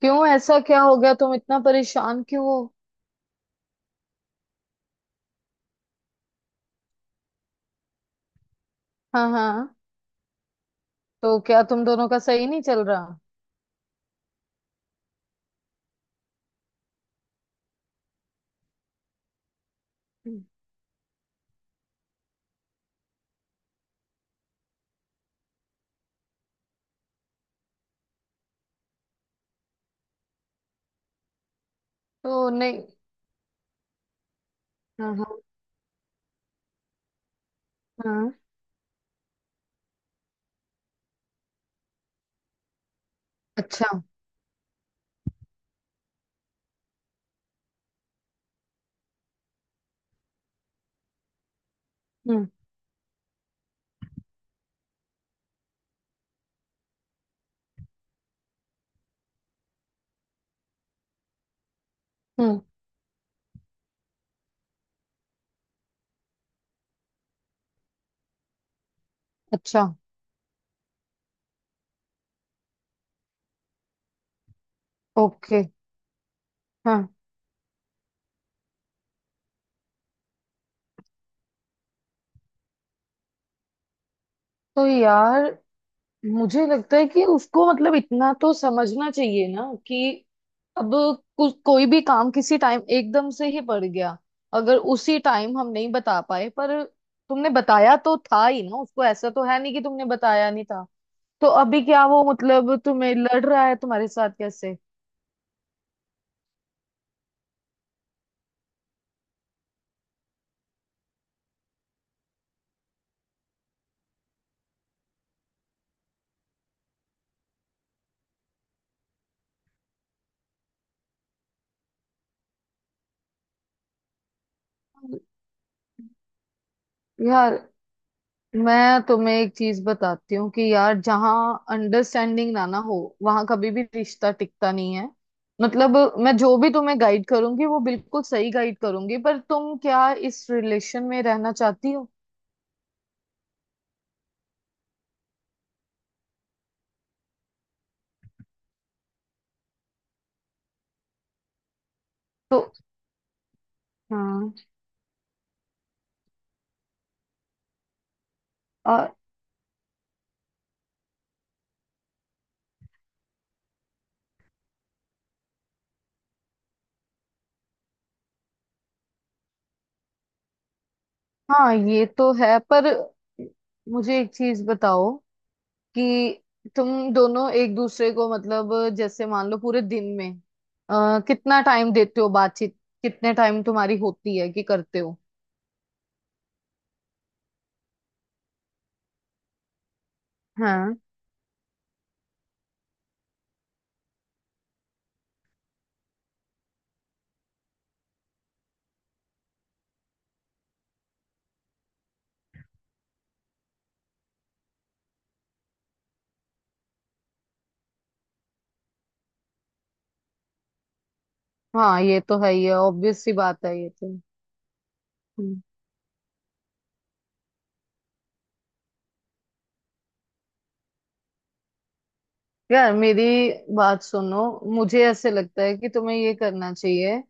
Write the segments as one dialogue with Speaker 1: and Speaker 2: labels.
Speaker 1: क्यों ऐसा क्या हो गया? तुम इतना परेशान क्यों हो? हाँ हाँ। तो क्या तुम दोनों का सही नहीं चल रहा? हम्म, तो नहीं। हाँ हाँ हाँ। अच्छा। हम्म। हम्म। अच्छा। ओके। हाँ। तो यार मुझे लगता है कि उसको मतलब इतना तो समझना चाहिए ना कि अब कुछ कोई भी काम किसी टाइम एकदम से ही पड़ गया, अगर उसी टाइम हम नहीं बता पाए, पर तुमने बताया तो था ही ना उसको, ऐसा तो है नहीं कि तुमने बताया नहीं था। तो अभी क्या वो मतलब तुम्हें लड़ रहा है तुम्हारे साथ? कैसे? यार मैं तुम्हें एक चीज बताती हूँ कि यार जहाँ अंडरस्टैंडिंग ना ना हो, वहां कभी भी रिश्ता टिकता नहीं है। मतलब मैं जो भी तुम्हें गाइड करूंगी वो बिल्कुल सही गाइड करूंगी, पर तुम क्या इस रिलेशन में रहना चाहती हो? तो हाँ आ, हाँ ये तो है, पर मुझे एक चीज बताओ कि तुम दोनों एक दूसरे को मतलब जैसे मान लो पूरे दिन में कितना टाइम देते हो बातचीत? कितने टाइम तुम्हारी होती है कि करते हो? हाँ हाँ ये तो है ही है, ऑब्वियस सी बात है ये तो। हम्म, यार मेरी बात सुनो, मुझे ऐसे लगता है कि तुम्हें ये करना चाहिए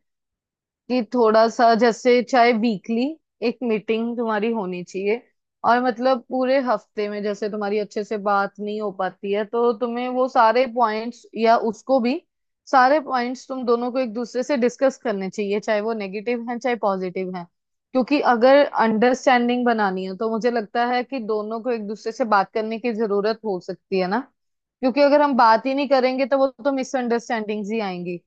Speaker 1: कि थोड़ा सा जैसे चाहे वीकली एक मीटिंग तुम्हारी होनी चाहिए। और मतलब पूरे हफ्ते में जैसे तुम्हारी अच्छे से बात नहीं हो पाती है, तो तुम्हें वो सारे पॉइंट्स या उसको भी सारे पॉइंट्स तुम दोनों को एक दूसरे से डिस्कस करने चाहिए, चाहे वो नेगेटिव हैं चाहे पॉजिटिव हैं। क्योंकि अगर अंडरस्टैंडिंग बनानी है तो मुझे लगता है कि दोनों को एक दूसरे से बात करने की जरूरत हो सकती है ना, क्योंकि अगर हम बात ही नहीं करेंगे तो वो तो मिसअंडरस्टैंडिंग्स ही आएंगी।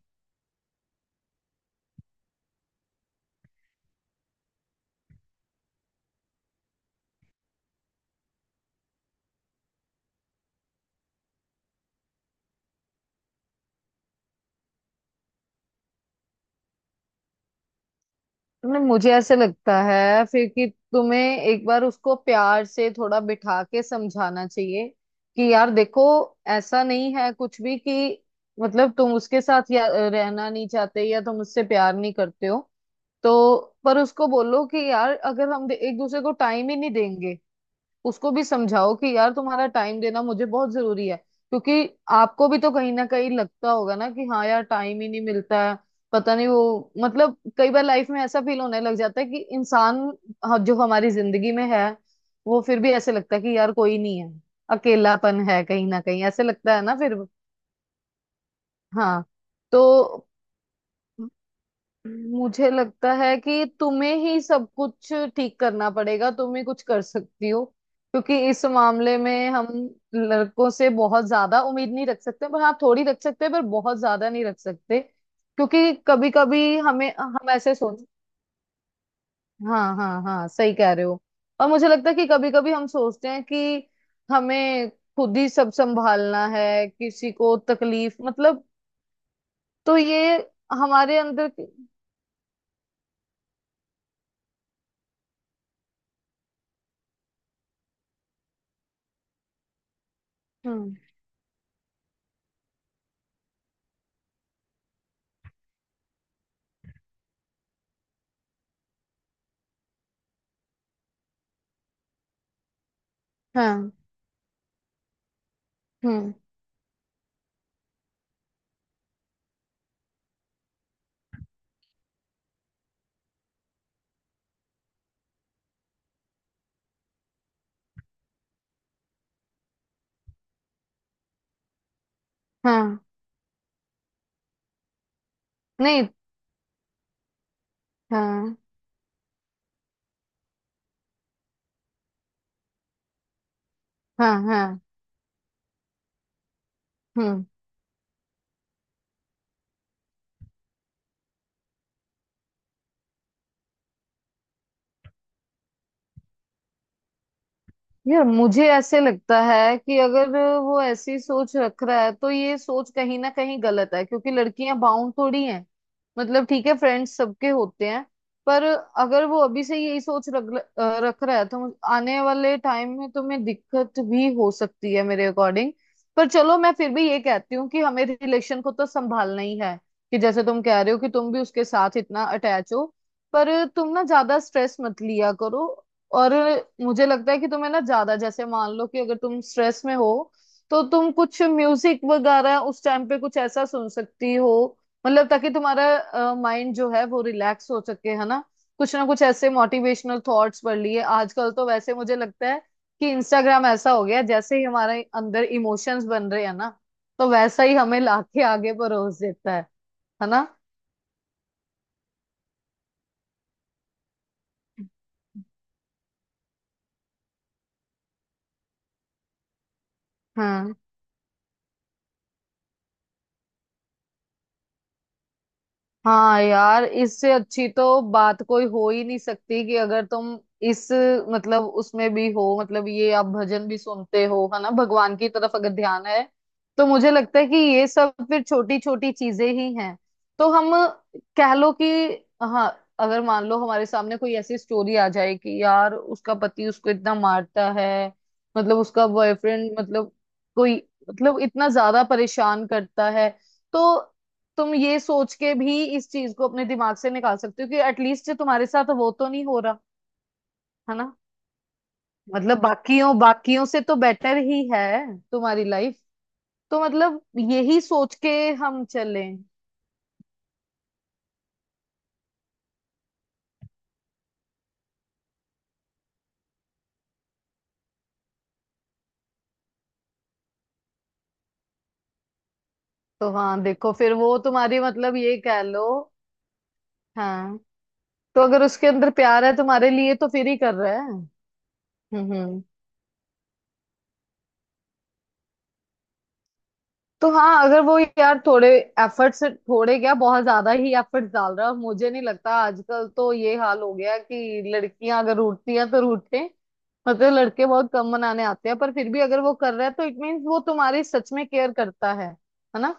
Speaker 1: नहीं, मुझे ऐसे लगता है फिर कि तुम्हें एक बार उसको प्यार से थोड़ा बिठा के समझाना चाहिए कि यार देखो, ऐसा नहीं है कुछ भी कि मतलब तुम उसके साथ या रहना नहीं चाहते या तुम उससे प्यार नहीं करते हो। तो पर उसको बोलो कि यार अगर हम एक दूसरे को टाइम ही नहीं देंगे। उसको भी समझाओ कि यार तुम्हारा टाइम देना मुझे बहुत जरूरी है, क्योंकि आपको भी तो कहीं ना कहीं लगता होगा ना कि हाँ यार टाइम ही नहीं मिलता है। पता नहीं वो मतलब कई बार लाइफ में ऐसा फील होने लग जाता है कि इंसान, हाँ, जो हमारी जिंदगी में है वो फिर भी ऐसे लगता है कि यार कोई नहीं है। अकेलापन है कहीं ना कहीं ऐसे लगता है ना फिर। हाँ। तो मुझे लगता है कि तुम्हें ही सब कुछ ठीक करना पड़ेगा, तुम ही कुछ कर सकती हो। क्योंकि इस मामले में हम लड़कों से बहुत ज्यादा उम्मीद नहीं रख सकते, पर हाँ थोड़ी रख सकते हैं पर बहुत ज्यादा नहीं रख सकते, क्योंकि कभी कभी हमें हम ऐसे सोच। हाँ हाँ हाँ सही कह रहे हो। और मुझे लगता है कि कभी कभी हम सोचते हैं कि हमें खुद ही सब संभालना है, किसी को तकलीफ मतलब। तो ये हमारे अंदर की-। हम्म। हाँ। हम्म। हाँ। नहीं। हाँ। हाँ। हाँ। हम्म। यार मुझे ऐसे लगता है कि अगर वो ऐसी सोच रख रहा है तो ये सोच कहीं ना कहीं गलत है, क्योंकि लड़कियां बाउंड थोड़ी हैं। मतलब ठीक है, फ्रेंड्स सबके होते हैं, पर अगर वो अभी से यही सोच रख रख रहा है तो आने वाले टाइम में तुम्हें दिक्कत भी हो सकती है मेरे अकॉर्डिंग। पर चलो मैं फिर भी ये कहती हूँ कि हमें रिलेशन को तो संभालना ही है। कि जैसे तुम कह रहे हो कि तुम भी उसके साथ इतना अटैच हो, पर तुम ना ज्यादा स्ट्रेस मत लिया करो। और मुझे लगता है कि तुम्हें ना ज्यादा जैसे मान लो कि अगर तुम स्ट्रेस में हो, तो तुम कुछ म्यूजिक वगैरह उस टाइम पे कुछ ऐसा सुन सकती हो, मतलब ताकि तुम्हारा माइंड जो है वो रिलैक्स हो सके, है ना? कुछ ना कुछ ऐसे मोटिवेशनल थॉट्स पढ़ लिए। आजकल तो वैसे मुझे लगता है कि इंस्टाग्राम ऐसा हो गया है, जैसे ही हमारे अंदर इमोशंस बन रहे हैं ना, तो वैसा ही हमें लाके आगे परोस देता है। है ना? हाँ हाँ। यार इससे अच्छी तो बात कोई हो ही नहीं सकती कि अगर तुम इस मतलब उसमें भी हो, मतलब ये आप भजन भी सुनते हो। है ना? भगवान की तरफ अगर ध्यान है तो मुझे लगता है कि ये सब फिर छोटी छोटी चीजें ही हैं। तो हम कह लो कि हाँ, अगर मान लो हमारे सामने कोई ऐसी स्टोरी आ जाए कि यार उसका पति उसको इतना मारता है, मतलब उसका बॉयफ्रेंड, मतलब कोई, मतलब इतना ज्यादा परेशान करता है, तो तुम ये सोच के भी इस चीज को अपने दिमाग से निकाल सकते हो कि एटलीस्ट तुम्हारे साथ वो तो नहीं हो रहा। है ना? मतलब, हम्म, बाकियों बाकियों से तो बेटर ही है तुम्हारी लाइफ। तो मतलब यही सोच के हम चलें। तो हाँ देखो फिर वो तुम्हारी मतलब ये कह लो। हाँ, तो अगर उसके अंदर प्यार है तुम्हारे लिए तो फिर ही कर रहा है। हम्म। हम्म। तो हाँ अगर वो यार थोड़े एफर्ट से थोड़े क्या बहुत ज्यादा ही एफर्ट डाल रहा है, और मुझे नहीं लगता, आजकल तो ये हाल हो गया कि लड़कियां अगर रूठती हैं तो रूठे, मतलब लड़के बहुत कम मनाने आते हैं, पर फिर भी अगर वो कर रहा है तो इट मीन्स वो तुम्हारी सच में केयर करता है। है ना?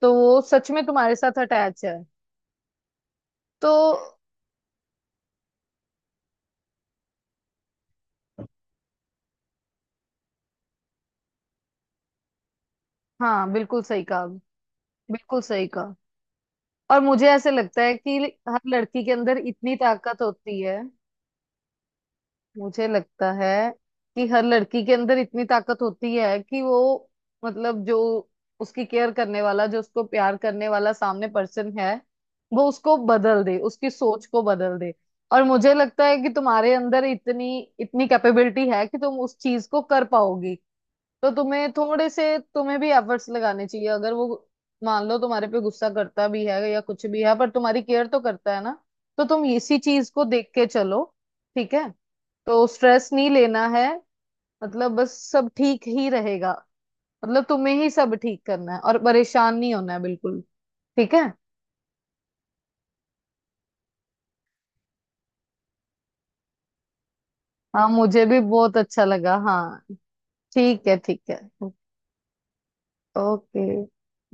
Speaker 1: तो वो सच में तुम्हारे साथ अटैच है। तो हाँ बिल्कुल सही कहा। बिल्कुल सही कहा। और मुझे ऐसे लगता है कि हर लड़की के अंदर इतनी ताकत होती है। मुझे लगता है कि हर लड़की के अंदर इतनी ताकत होती है कि वो मतलब जो उसकी केयर करने वाला, जो उसको प्यार करने वाला सामने पर्सन है, वो उसको बदल दे, उसकी सोच को बदल दे। और मुझे लगता है कि तुम्हारे अंदर इतनी इतनी कैपेबिलिटी है कि तुम उस चीज को कर पाओगी। तो तुम्हें थोड़े से तुम्हें भी एफर्ट्स लगाने चाहिए, अगर वो मान लो तुम्हारे पे गुस्सा करता भी है या कुछ भी है, पर तुम्हारी केयर तो करता है ना। तो तुम इसी चीज को देख के चलो। ठीक है? तो स्ट्रेस नहीं लेना है, मतलब बस सब ठीक ही रहेगा। मतलब तुम्हें ही सब ठीक करना है और परेशान नहीं होना है बिल्कुल। ठीक है? हाँ मुझे भी बहुत अच्छा लगा, हाँ। ठीक है, ठीक है। ओके।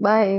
Speaker 1: बाय।